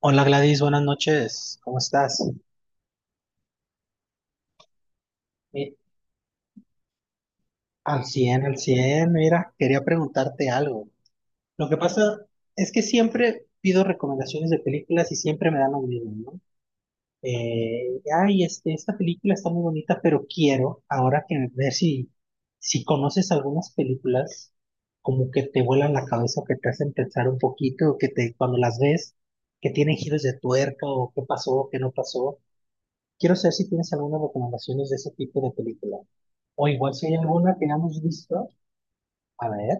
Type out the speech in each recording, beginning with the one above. Hola Gladys, buenas noches, ¿cómo estás? Mi- Al 100, al 100. Mira, quería preguntarte algo. Lo que pasa es que siempre pido recomendaciones de películas y siempre me dan lo mismo, ¿no? Esta película está muy bonita, pero quiero ahora que ver si conoces algunas películas como que te vuelan la cabeza o que te hacen pensar un poquito, o que te, cuando las ves, que tienen giros de tuerca o qué pasó, qué no pasó. Quiero saber si tienes algunas recomendaciones de ese tipo de película. O igual si hay alguna que hayamos visto. A ver.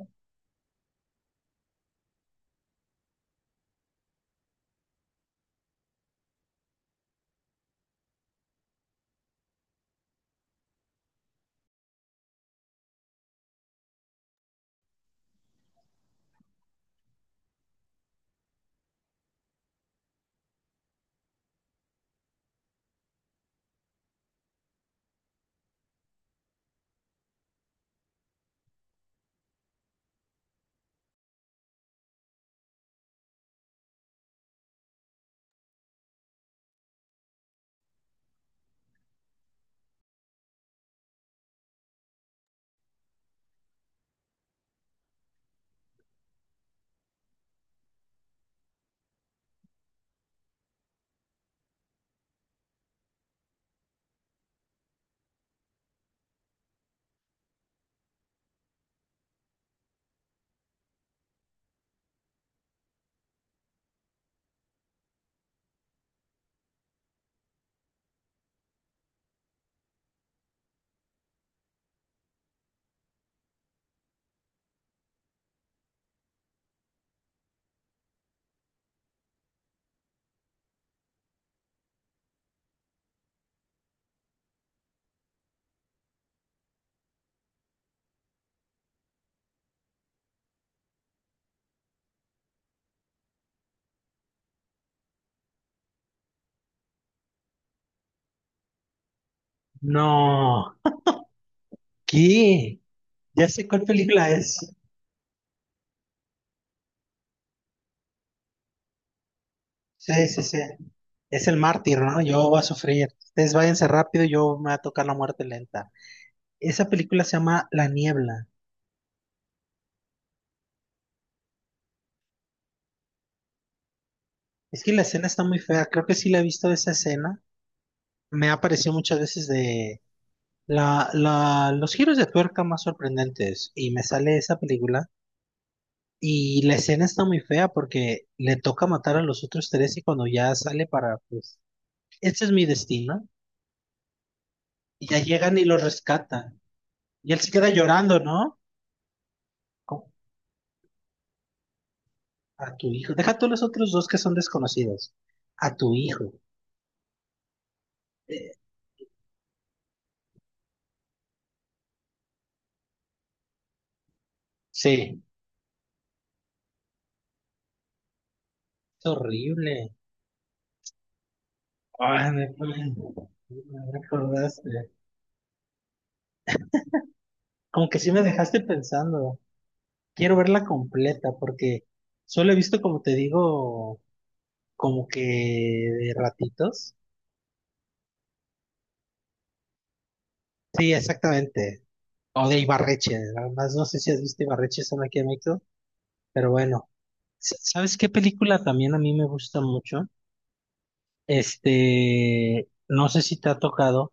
No. ¿Qué? Ya sé cuál película es. Sí, sí, sí. Es el mártir, ¿no? Yo voy a sufrir. Ustedes váyanse rápido, yo me va a tocar la muerte lenta. Esa película se llama La Niebla. Es que la escena está muy fea. Creo que sí la he visto esa escena. Me ha aparecido muchas veces de los giros de tuerca más sorprendentes. Y me sale esa película. Y la escena está muy fea porque le toca matar a los otros tres y cuando ya sale para, pues, ese es mi destino. Y ya llegan y lo rescatan. Y él se queda llorando, ¿no? Con- A tu hijo. Deja tú los otros dos que son desconocidos. A tu hijo. Eh, sí, es horrible. Ay, me recordaste. Como que sí me dejaste pensando. Quiero verla completa porque solo he visto, como te digo, como que de ratitos. Sí, exactamente. O de Ibarreche. Nada más no sé si has visto Ibarreche, son aquí en México. Pero bueno. ¿Sabes qué película también a mí me gusta mucho? Este, no sé si te ha tocado,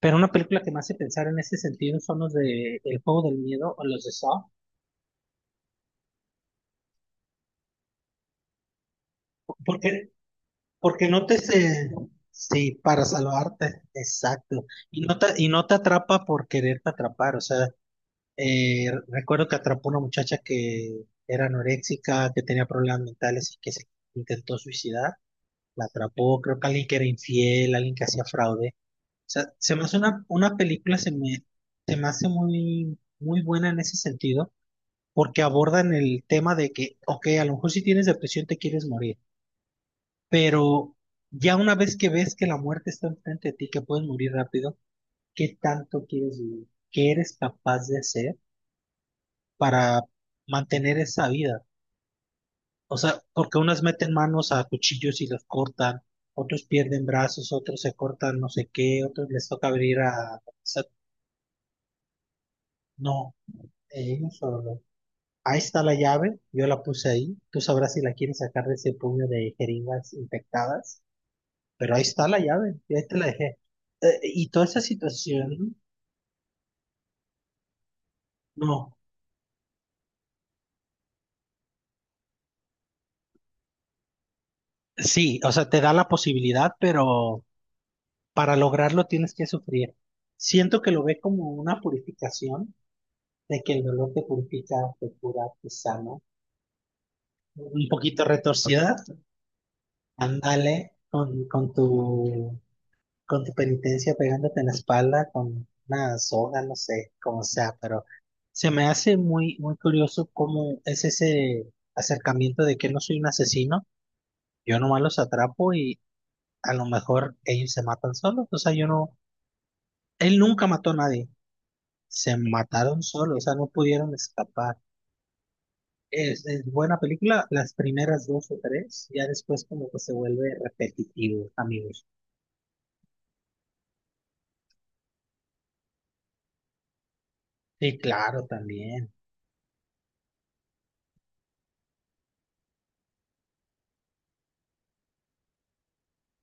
pero una película que me hace pensar en ese sentido son los de El Juego del Miedo o los de Saw. Porque, porque no te se... Sí, para salvarte, exacto. Y no te atrapa por quererte atrapar. O sea, recuerdo que atrapó una muchacha que era anoréxica, que tenía problemas mentales y que se intentó suicidar. La atrapó, creo que alguien que era infiel, alguien que hacía fraude. Sea, se me hace una película, se me hace muy, muy buena en ese sentido, porque abordan el tema de que, ok, a lo mejor si tienes depresión te quieres morir, pero ya una vez que ves que la muerte está enfrente de ti, que puedes morir rápido, ¿qué tanto quieres vivir? ¿Qué eres capaz de hacer para mantener esa vida? O sea, porque unas meten manos a cuchillos y los cortan, otros pierden brazos, otros se cortan no sé qué, otros les toca abrir a... O sea, no. Ellos solo. Ahí está la llave, yo la puse ahí. Tú sabrás si la quieres sacar de ese puño de jeringas infectadas, pero ahí está la llave, y ahí te la dejé. Y toda esa situación, no, sí, o sea, te da la posibilidad, pero para lograrlo tienes que sufrir. Siento que lo ve como una purificación, de que el dolor te purifica, te cura, te sana. Un poquito retorcida, ándale con tu penitencia pegándote en la espalda con una soga, no sé, como sea, pero se me hace muy, muy curioso cómo es ese acercamiento de que no soy un asesino, yo nomás los atrapo y a lo mejor ellos se matan solos, o sea, yo no, él nunca mató a nadie, se mataron solos, o sea, no pudieron escapar. Es buena película, las primeras dos o tres, ya después como que se vuelve repetitivo, amigos. Sí, claro, también.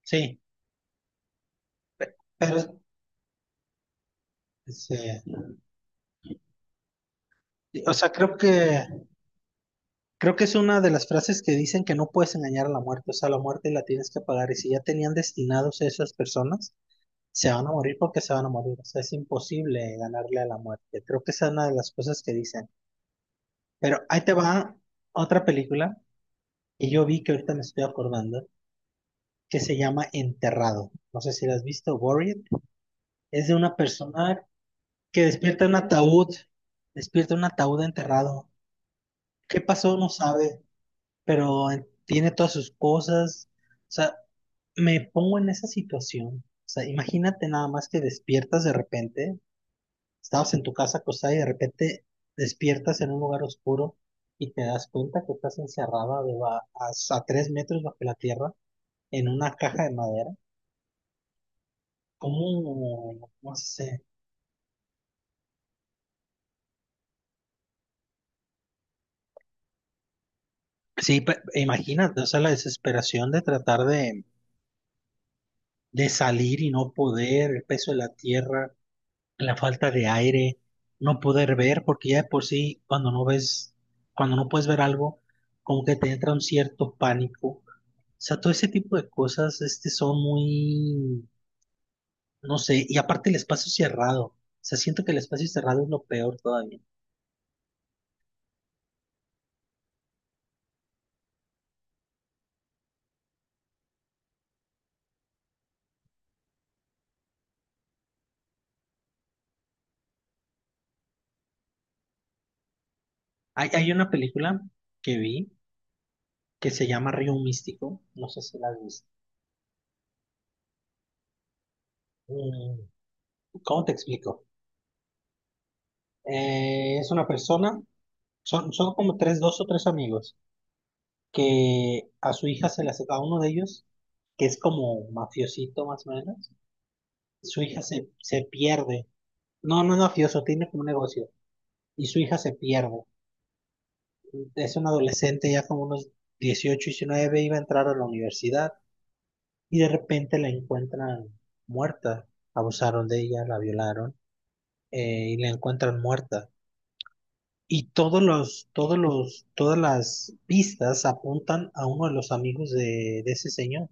Sí, pero sí. Sí, o sea, creo que es una de las frases que dicen que no puedes engañar a la muerte, o sea, la muerte la tienes que pagar y si ya tenían destinados a esas personas, se van a morir porque se van a morir, o sea, es imposible ganarle a la muerte. Creo que esa es una de las cosas que dicen. Pero ahí te va otra película que yo vi que ahorita me estoy acordando, que se llama Enterrado. No sé si la has visto, Buried. Es de una persona que despierta en un ataúd, despierta en un ataúd enterrado. ¿Qué pasó? No sabe. Pero tiene todas sus cosas. O sea, me pongo en esa situación. O sea, imagínate nada más que despiertas de repente, estabas en tu casa acostada y de repente despiertas en un lugar oscuro y te das cuenta que estás encerrada de a 3 metros bajo la tierra en una caja de madera. ¿Cómo? No sé. Sí, imagínate, o sea, la desesperación de tratar de salir y no poder, el peso de la tierra. La falta de aire, no poder ver, porque ya de por sí cuando no ves, cuando no puedes ver algo, como que te entra un cierto pánico. O sea, todo ese tipo de cosas, este, son muy, no sé, y aparte el espacio cerrado. O sea, siento que el espacio cerrado es lo peor todavía. Hay una película que vi que se llama Río Místico, no sé si la has visto. Mm, ¿Cómo te explico? Es una persona, son como tres, dos o tres amigos que a su hija se le hace, a uno de ellos, que es como mafiosito más o menos, su hija se pierde. No, no es mafioso, tiene como un negocio. Y su hija se pierde. Es un adolescente ya como unos 18, 19 iba a entrar a la universidad y de repente la encuentran muerta. Abusaron de ella, la violaron y la encuentran muerta. Y todas las pistas apuntan a uno de los amigos de ese señor.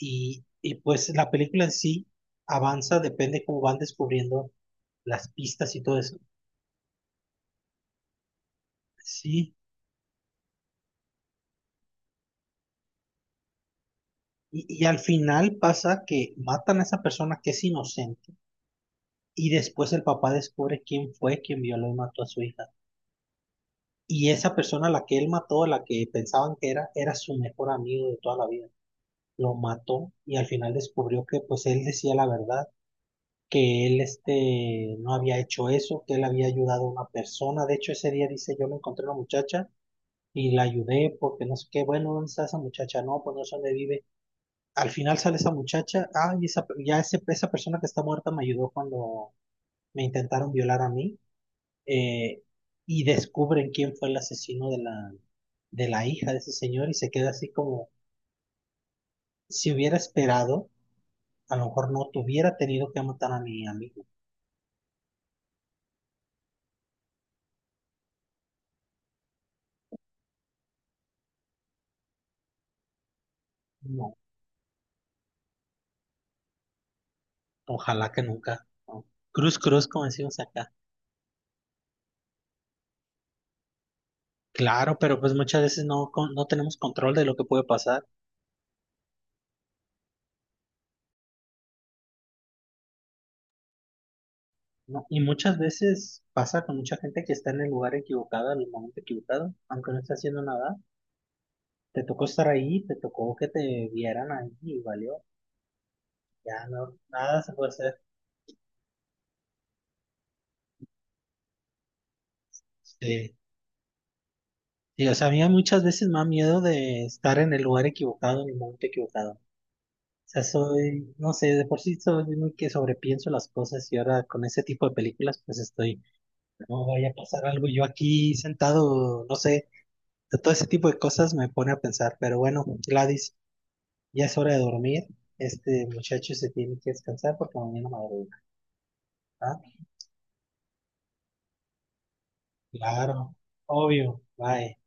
Pues la película en sí avanza, depende cómo van descubriendo las pistas y todo eso. Sí. Al final pasa que matan a esa persona que es inocente y después el papá descubre quién fue quien violó y mató a su hija. Y esa persona, a la que él mató, a la que pensaban que era, era su mejor amigo de toda la vida. Lo mató y al final descubrió que pues él decía la verdad, que él este, no había hecho eso, que él había ayudado a una persona. De hecho, ese día dice, yo me encontré una muchacha y la ayudé porque no sé qué, bueno, ¿dónde está esa muchacha? No, pues no sé dónde vive. Al final sale esa muchacha, ay, esa, ya ese, esa persona que está muerta me ayudó cuando me intentaron violar a mí, eh, y descubren quién fue el asesino de la hija de ese señor y se queda así como, si hubiera esperado, a lo mejor no tuviera tenido que matar a mi amigo. No, ojalá que nunca. No. Cruz, cruz, como decimos acá. Claro, pero pues muchas veces no, no tenemos control de lo que puede pasar. No, y muchas veces pasa con mucha gente que está en el lugar equivocado, en el momento equivocado, aunque no esté haciendo nada. Te tocó estar ahí, te tocó que te vieran ahí y valió. Ya no, nada se puede hacer. Sí. Sí, o sea, a mí muchas veces me da miedo de estar en el lugar equivocado, en el momento equivocado. O sea, soy, no sé, de por sí soy muy que sobrepienso las cosas y ahora con ese tipo de películas pues estoy, no vaya a pasar algo yo aquí sentado, no sé, todo ese tipo de cosas me pone a pensar. Pero bueno, Gladys. Ya es hora de dormir. Este muchacho se tiene que descansar porque mañana madruga. ¿Ah? Claro, obvio. Bye.